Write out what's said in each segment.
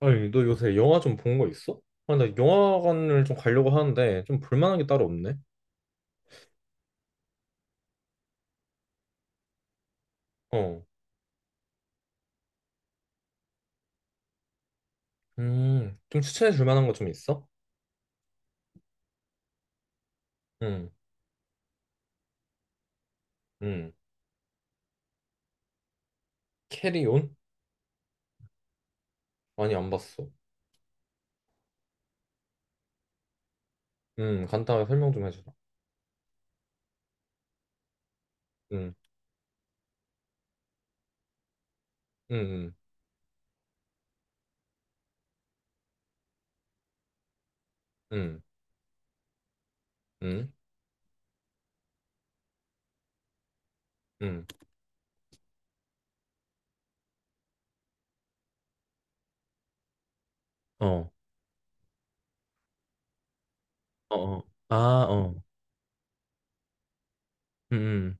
아니, 너 요새 영화 좀 본 거 있어? 아, 나 영화관을 좀 가려고 하는데 좀 볼 만한 게 따로 없네. 어. 좀 추천해 줄 만한 거 좀 있어? 응. 응. 캐리온? 아니, 안 봤어. 간단하게 설명 좀 해주라. 응 응. 응. 응. 응. 응. 응. 어, 어, 어. 아, 어. 응응.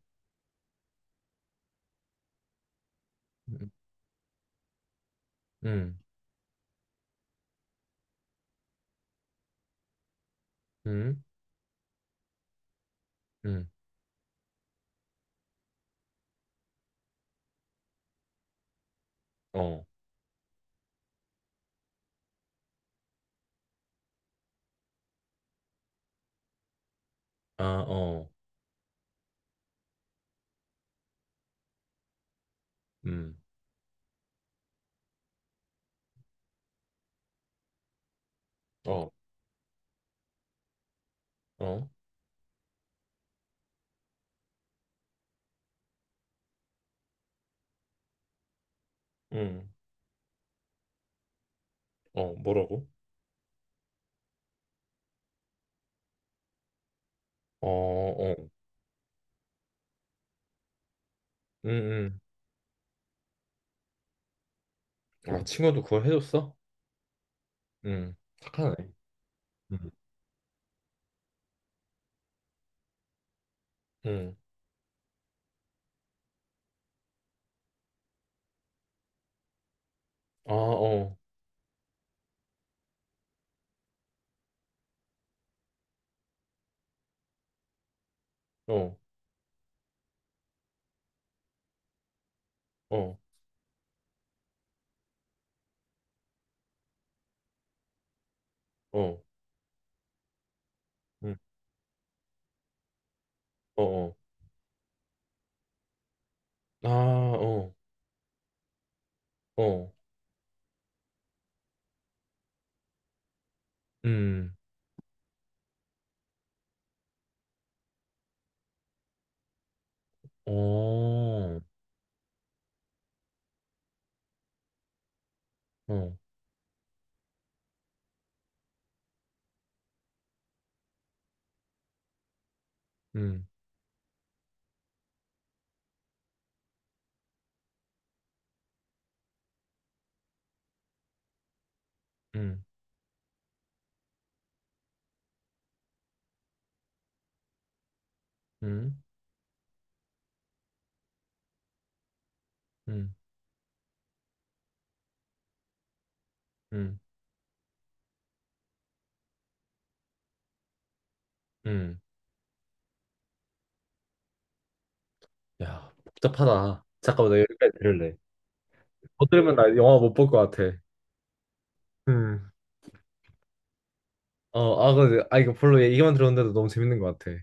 응. 응. 응. 응. 응. 어, 아, 어. 음, 어, 어, 음, 어, 뭐라고? 어, 어. 응응. 아, 친구도 그걸 해줬어? 음, 착하네. 음, 음, 아, 어, 어, 어, 어, 음, 어, 어, 아, 어, 어, 음, 어, 어, 음, 음, 음, 음, 음, 음. 야, 복잡하다. 잠깐만, 나 여기까지 들을래. 못 들으면 나 영화 못 볼 것 같아. 음. 어, 아, 근데, 아, 이거 별로 얘기만 들었는데도 너무 재밌는 것 같아.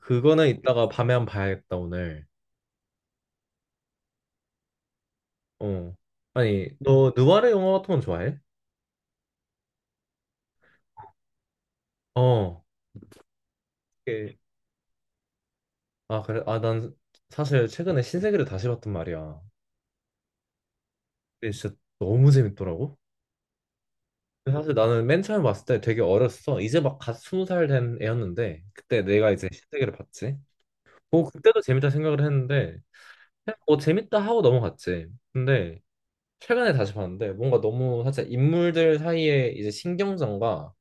그거는 이따가 밤에 한번 봐야겠다, 오늘. 어. 아니, 너 누아르 영화 같은 건 좋아해? 어. 아, 그래. 아, 난 사실 최근에 신세계를 다시 봤단 말이야. 근데 진짜 너무 재밌더라고. 근데 사실 나는 맨 처음 봤을 때 되게 어렸어. 이제 막 갓 20살 된 애였는데 그때 내가 이제 신세계를 봤지. 뭐 그때도 재밌다 생각을 했는데 그냥 뭐 재밌다 하고 넘어갔지. 근데 최근에 다시 봤는데 뭔가 너무 사실 인물들 사이에 이제 신경전과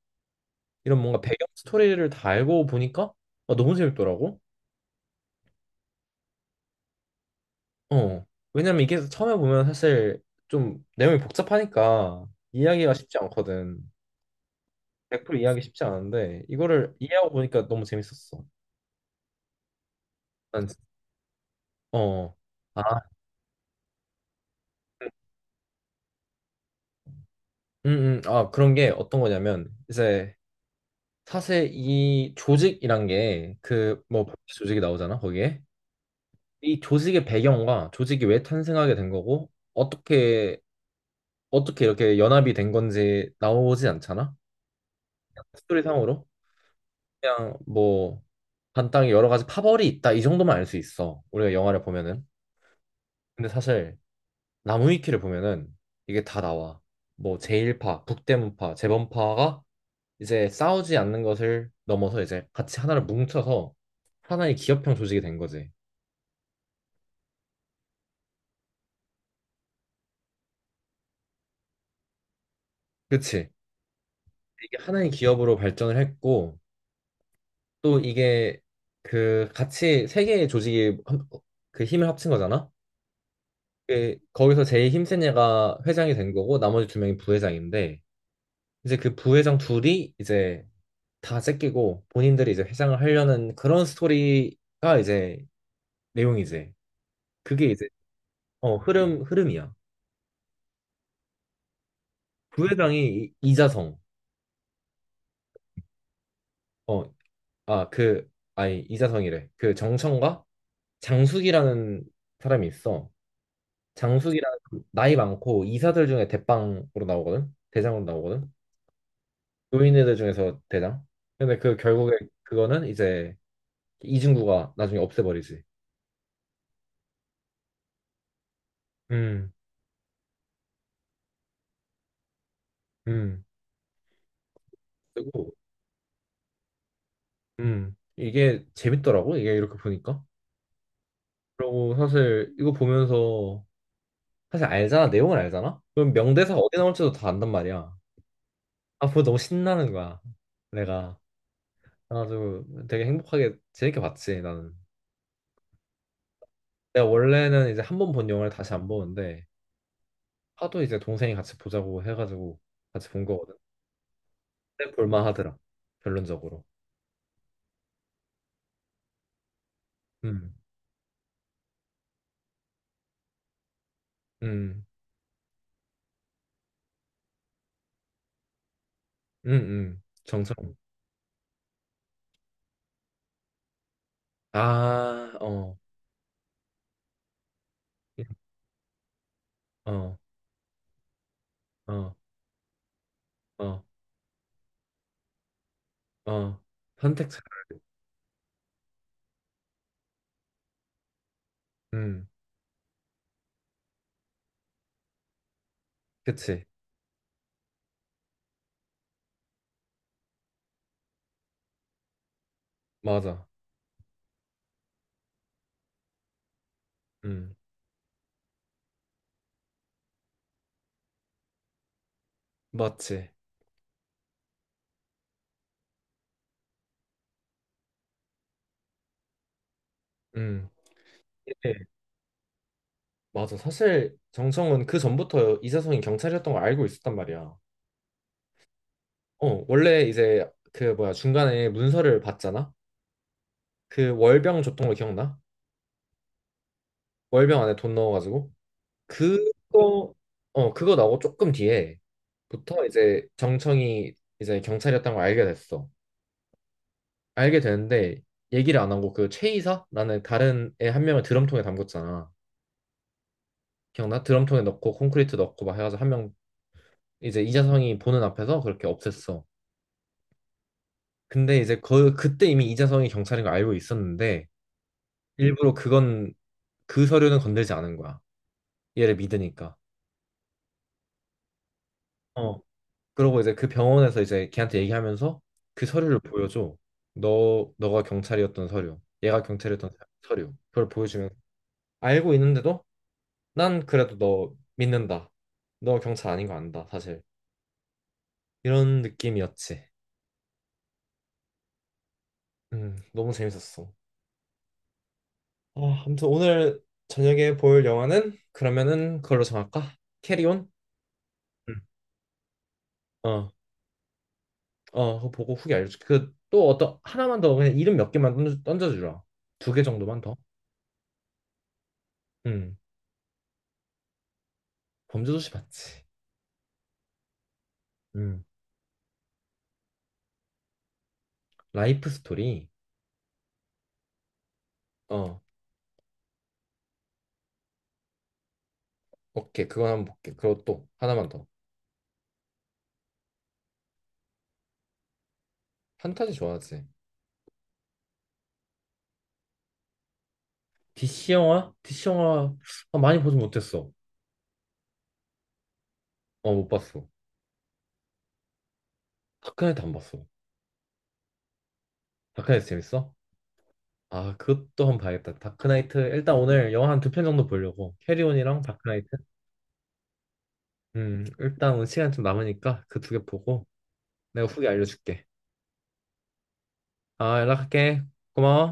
이런 뭔가 배경 스토리를 다 알고 보니까 아, 너무 재밌더라고. 어. 왜냐면 이게 처음에 보면 사실 좀 내용이 복잡하니까 이해하기가 쉽지 않거든. 100% 이해하기 쉽지 않은데 이거를 이해하고 보니까 너무 재밌었어. 난 진- 어. 아, 아, 그런 게 어떤 거냐면 이제 사실 이 조직이란 게 그 뭐 조직이 나오잖아, 거기에. 이 조직의 배경과 조직이 왜 탄생하게 된 거고 어떻게 이렇게 연합이 된 건지 나오지 않잖아. 스토리상으로. 그냥 뭐 간단히 여러 가지 파벌이 있다 이 정도만 알 수 있어. 우리가 영화를 보면은. 근데 사실 나무위키를 보면은 이게 다 나와. 뭐 제1파, 북대문파, 재범파가 이제 싸우지 않는 것을 넘어서 이제 같이 하나를 뭉쳐서 하나의 기업형 조직이 된 거지. 그치? 이게 하나의 기업으로 발전을 했고 또 이게 그 같이 세 개의 조직이 그 힘을 합친 거잖아. 그 거기서 제일 힘센 애가 회장이 된 거고 나머지 두 명이 부회장인데 이제 그 부회장 둘이 이제 다 째끼고 본인들이 이제 회장을 하려는 그런 스토리가 이제 내용이지. 그게 이제 흐름이야. 부회장이 이자성 어아그 아니 이자성이래. 그 정청과 장숙이라는 사람이 있어. 장숙이라는 사람, 나이 많고 이사들 중에 대빵으로 나오거든. 대장으로 나오거든. 노인네들 중에서 대장. 근데 그 결국에 그거는 이제 이중구가 나중에 없애버리지. 음, 음. 그리고 이게 재밌더라고. 이게 이렇게 보니까. 그리고 사실 이거 보면서 사실 알잖아. 내용을 알잖아. 그럼 명대사 어디 나올지도 다 안단 말이야. 아, 보고 너무 신나는 거야. 내가. 그래가지고 되게 행복하게 재밌게 봤지, 나는. 내가 원래는 이제 한 번 본 영화를 다시 안 보는데 하도 이제 동생이 같이 보자고 해가지고 같이 본 거거든. 근데 볼만 하더라. 결론적으로. 음, 음, 정정. 아, 어, 어, 어, 어. 어, 선택자. 음, 그치. 맞아. 음, 맞지. 음, 예, 맞아. 사실 정청은 그 전부터 이사성이 경찰이었던 걸 알고 있었단 말이야. 어, 원래 이제 그 뭐야 중간에 문서를 봤잖아. 그 월병 줬던 거 기억나? 월병 안에 돈 넣어가지고 그거 그거 나오고 조금 뒤에부터 이제 정청이 이제 경찰이었던 걸 알게 됐어. 알게 되는데 얘기를 안 하고 그 최이사라는 다른 애 한 명을 드럼통에 담궜잖아. 기억나? 드럼통에 넣고 콘크리트 넣고 막 해가지고 1명 이제 이자성이 보는 앞에서 그렇게 없앴어. 근데 이제 그 그때 이미 이자성이 경찰인 걸 알고 있었는데 일부러 그건 그 서류는 건들지 않은 거야. 얘를 믿으니까. 어. 그러고 이제 그 병원에서 이제 걔한테 얘기하면서 그 서류를 보여줘. 너 너가 경찰이었던 서류. 얘가 경찰이었던 서류. 그걸 보여주면 알고 있는데도 난 그래도 너 믿는다. 너 경찰 아닌 거 안다, 사실. 이런 느낌이었지. 너무 재밌었어. 어, 아무튼 오늘 저녁에 볼 영화는 그러면은 그걸로 정할까? 캐리온? 응. 어, 어, 그거 보고 후기 알려줄게. 그 또 어떤 하나만 더 그냥 이름 몇 개만 던져주라. 2개 정도만 더. 응. 범죄도시 봤지. 응. 라이프 스토리. 어, 오케이. 그거 한번 볼게. 그리고 또 하나만 더. 판타지 좋아하지. DC 영화? DC 영화 아, 많이 보진 못했어. 어, 못 봤어. 다크나이트 안 봤어. 다크나이트 재밌어? 아, 그것도 한번 봐야겠다. 다크나이트. 일단 오늘 영화 한 두 편 정도 보려고. 캐리온이랑 다크나이트. 일단 오늘 시간 좀 남으니까 그 2개 보고 내가 후기 알려줄게. 아, 연락할게. 고마워.